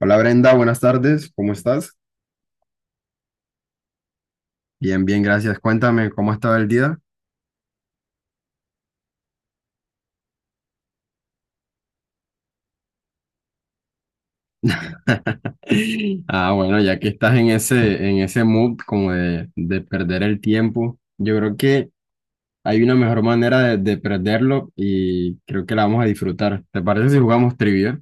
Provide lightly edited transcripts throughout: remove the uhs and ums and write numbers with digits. Hola Brenda, buenas tardes, ¿cómo estás? Bien, bien, gracias. Cuéntame, ¿cómo estaba el día? Ah, bueno, ya que estás en ese mood como de perder el tiempo, yo creo que hay una mejor manera de perderlo y creo que la vamos a disfrutar. ¿Te parece si jugamos trivia?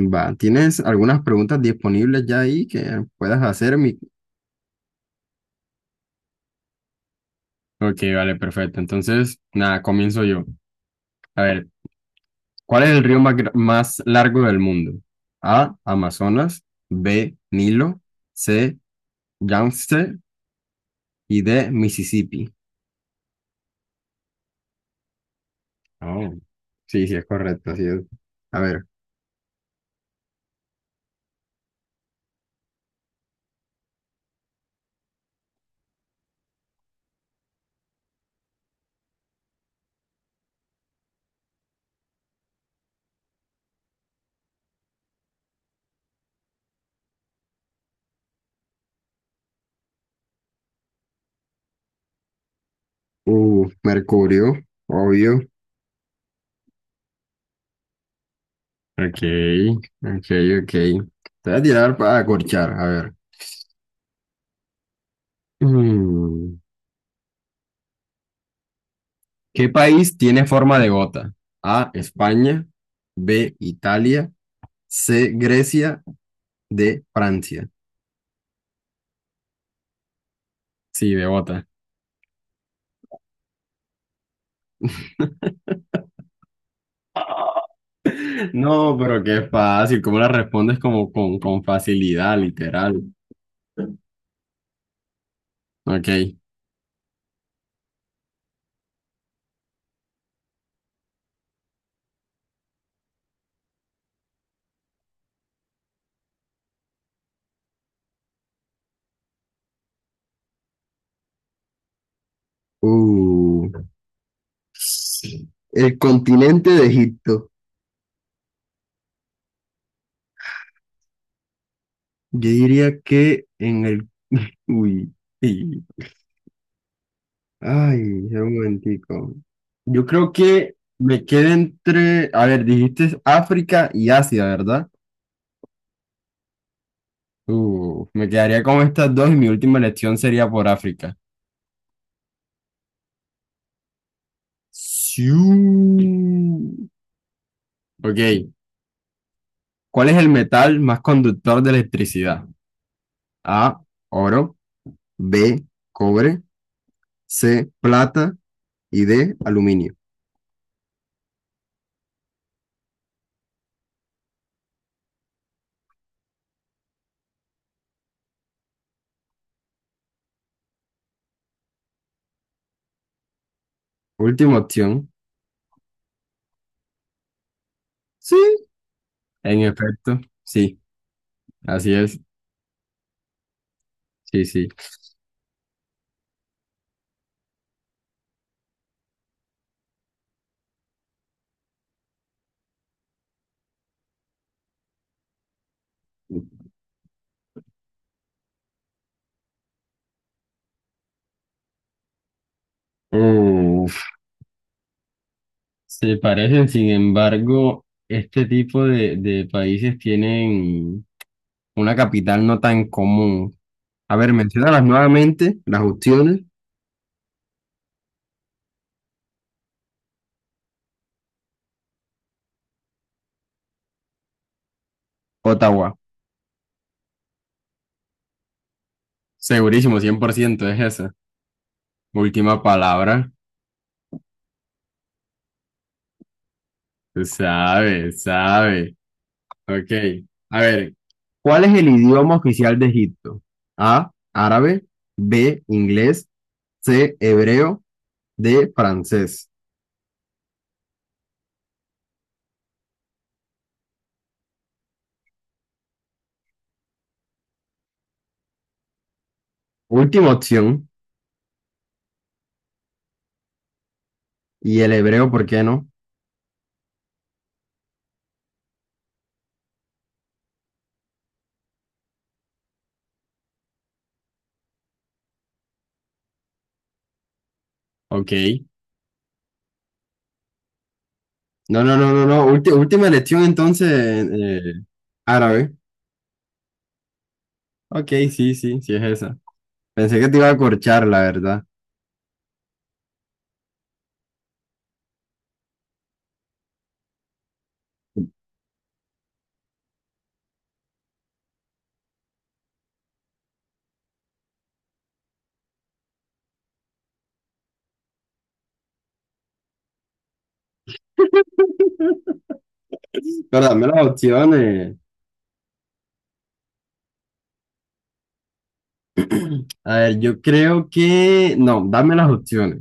Va, ¿tienes algunas preguntas disponibles ya ahí que puedas hacerme? Ok, vale, perfecto. Entonces, nada, comienzo yo. A ver, ¿cuál es el río más, más largo del mundo? A, Amazonas. B, Nilo. C, Yangtze. Y D, Mississippi. Oh, sí, sí, es correcto. Así es. A ver. Mercurio. Obvio. Ok, ok, ok. Te voy a tirar para acorchar. A ver. Mm, ¿Qué país tiene forma de gota? A, España. B, Italia. C, Grecia. D, Francia. Sí, de gota. No, pero qué fácil, cómo la respondes como con facilidad, literal. Ok. Uh. El continente de Egipto. Yo diría que en el... Uy. Sí. Ay, espera un momentico. Yo creo que me queda entre... A ver, dijiste África y Asia, ¿verdad? Me quedaría con estas dos y mi última elección sería por África. Sí. Ok. ¿Cuál es el metal más conductor de electricidad? A, oro, B, cobre, C, plata y D, aluminio. Última opción. Sí, en efecto, sí, así es. Sí, sí. Uf, se parecen, sin embargo, este tipo de países tienen una capital no tan común. A ver, menciónalas nuevamente, las opciones. Ottawa, segurísimo, 100% es esa. Última palabra. Sabe, sabe. Ok. A ver, ¿cuál es el idioma oficial de Egipto? A, árabe, B, inglés, C, hebreo, D, francés. Última opción. Y el hebreo, ¿por qué no? Ok. No, no, no, no, no. Última elección entonces, árabe. Ok, sí, sí, sí es esa. Pensé que te iba a corchar, la verdad. Pero dame las opciones. A ver, yo creo que... No, dame las opciones.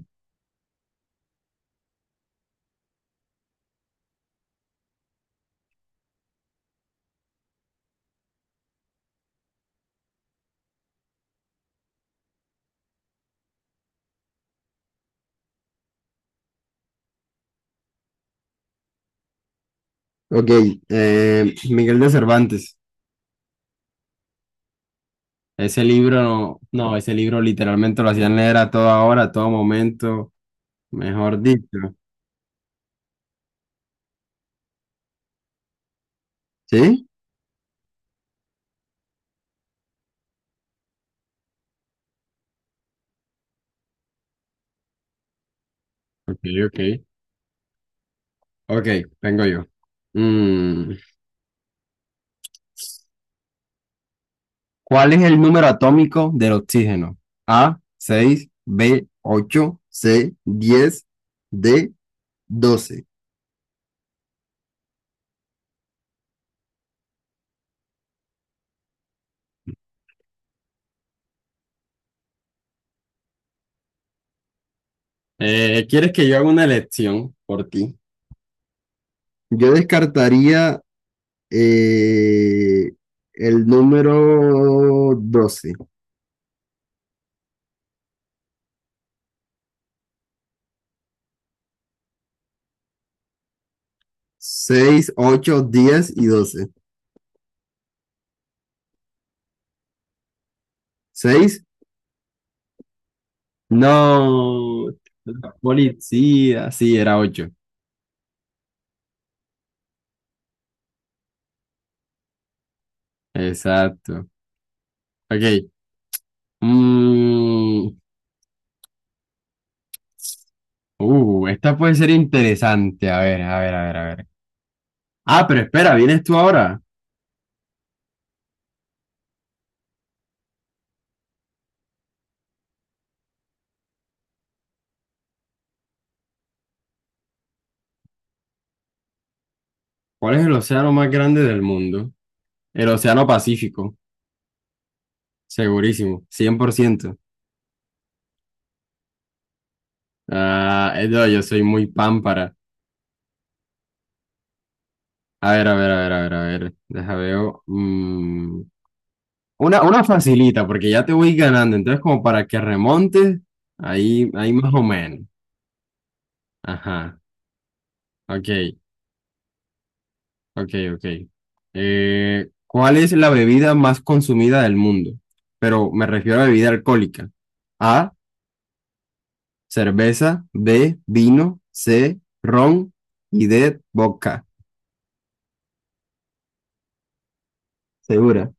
Ok, Miguel de Cervantes. Ese libro, no, ese libro literalmente lo hacían leer a toda hora, a todo momento, mejor dicho. ¿Sí? Ok, ok. Ok, vengo yo. Mm, ¿Cuál es el número atómico del oxígeno? A, 6, B, 8, C, 10, D, doce. ¿Quieres que yo haga una elección por ti? Yo descartaría eh, el número 12. Seis, ocho, 10 y doce. Seis. No, la policía. Sí, era ocho. Exacto. Ok. Mm, esta puede ser interesante. A ver, a ver, a ver, a ver. Ah, pero espera, vienes tú ahora. ¿Cuál es el océano más grande del mundo? El Océano Pacífico. Segurísimo. Cien por ciento. Ah, no, yo soy muy pámpara. A ver, a ver, a ver, a ver, a ver. Deja veo. Mm, una facilita, porque ya te voy ganando, entonces como para que remontes, ahí, ahí más o menos. Ajá, ok, ok, ok. ¿Cuál es la bebida más consumida del mundo? Pero me refiero a bebida alcohólica. A, cerveza, B, vino, C, ron y D, vodka. ¿Segura?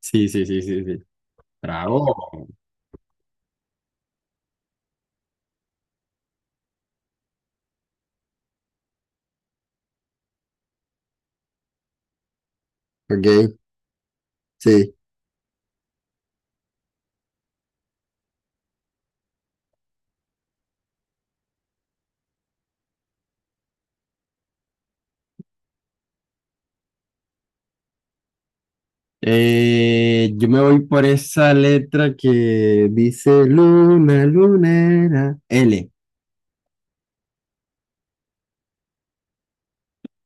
Sí, sí, sí, sí, sí. Bravo. Ok, sí. Yo me voy por esa letra que dice luna, lunera. L.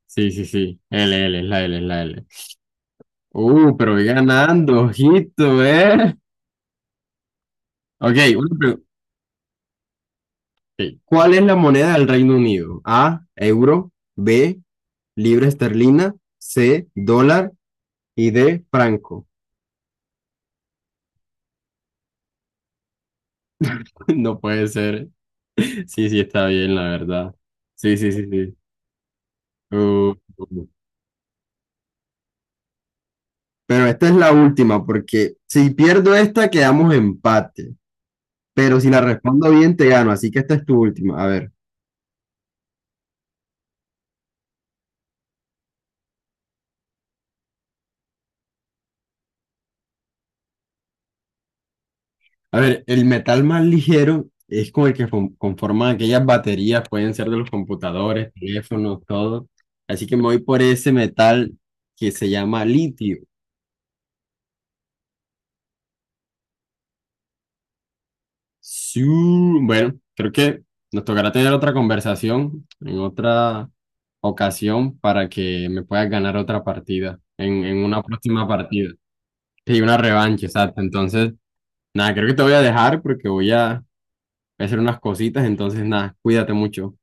Sí, sí, sí. L, L, es la L, es la L. Pero voy ganando, ojito, ¿eh? Ok, ok. ¿Cuál es la moneda del Reino Unido? A, euro. B, libra esterlina. C, dólar. Y D, franco. No puede ser. Sí, sí, está bien, la verdad. Sí, sí, sí, sí. Uh, uh, uh. Pero esta es la última, porque si pierdo esta, quedamos empate. Pero si la respondo bien, te gano. Así que esta es tu última. A ver, el metal más ligero es con el que conforman aquellas baterías, pueden ser de los computadores, teléfonos, todo. Así que me voy por ese metal que se llama litio. Sí, bueno, creo que nos tocará tener otra conversación en otra ocasión para que me puedas ganar otra partida, en una próxima partida. Sí, una revancha, exacto. Entonces, nada, creo que te voy a dejar porque voy a hacer unas cositas. Entonces, nada, cuídate mucho.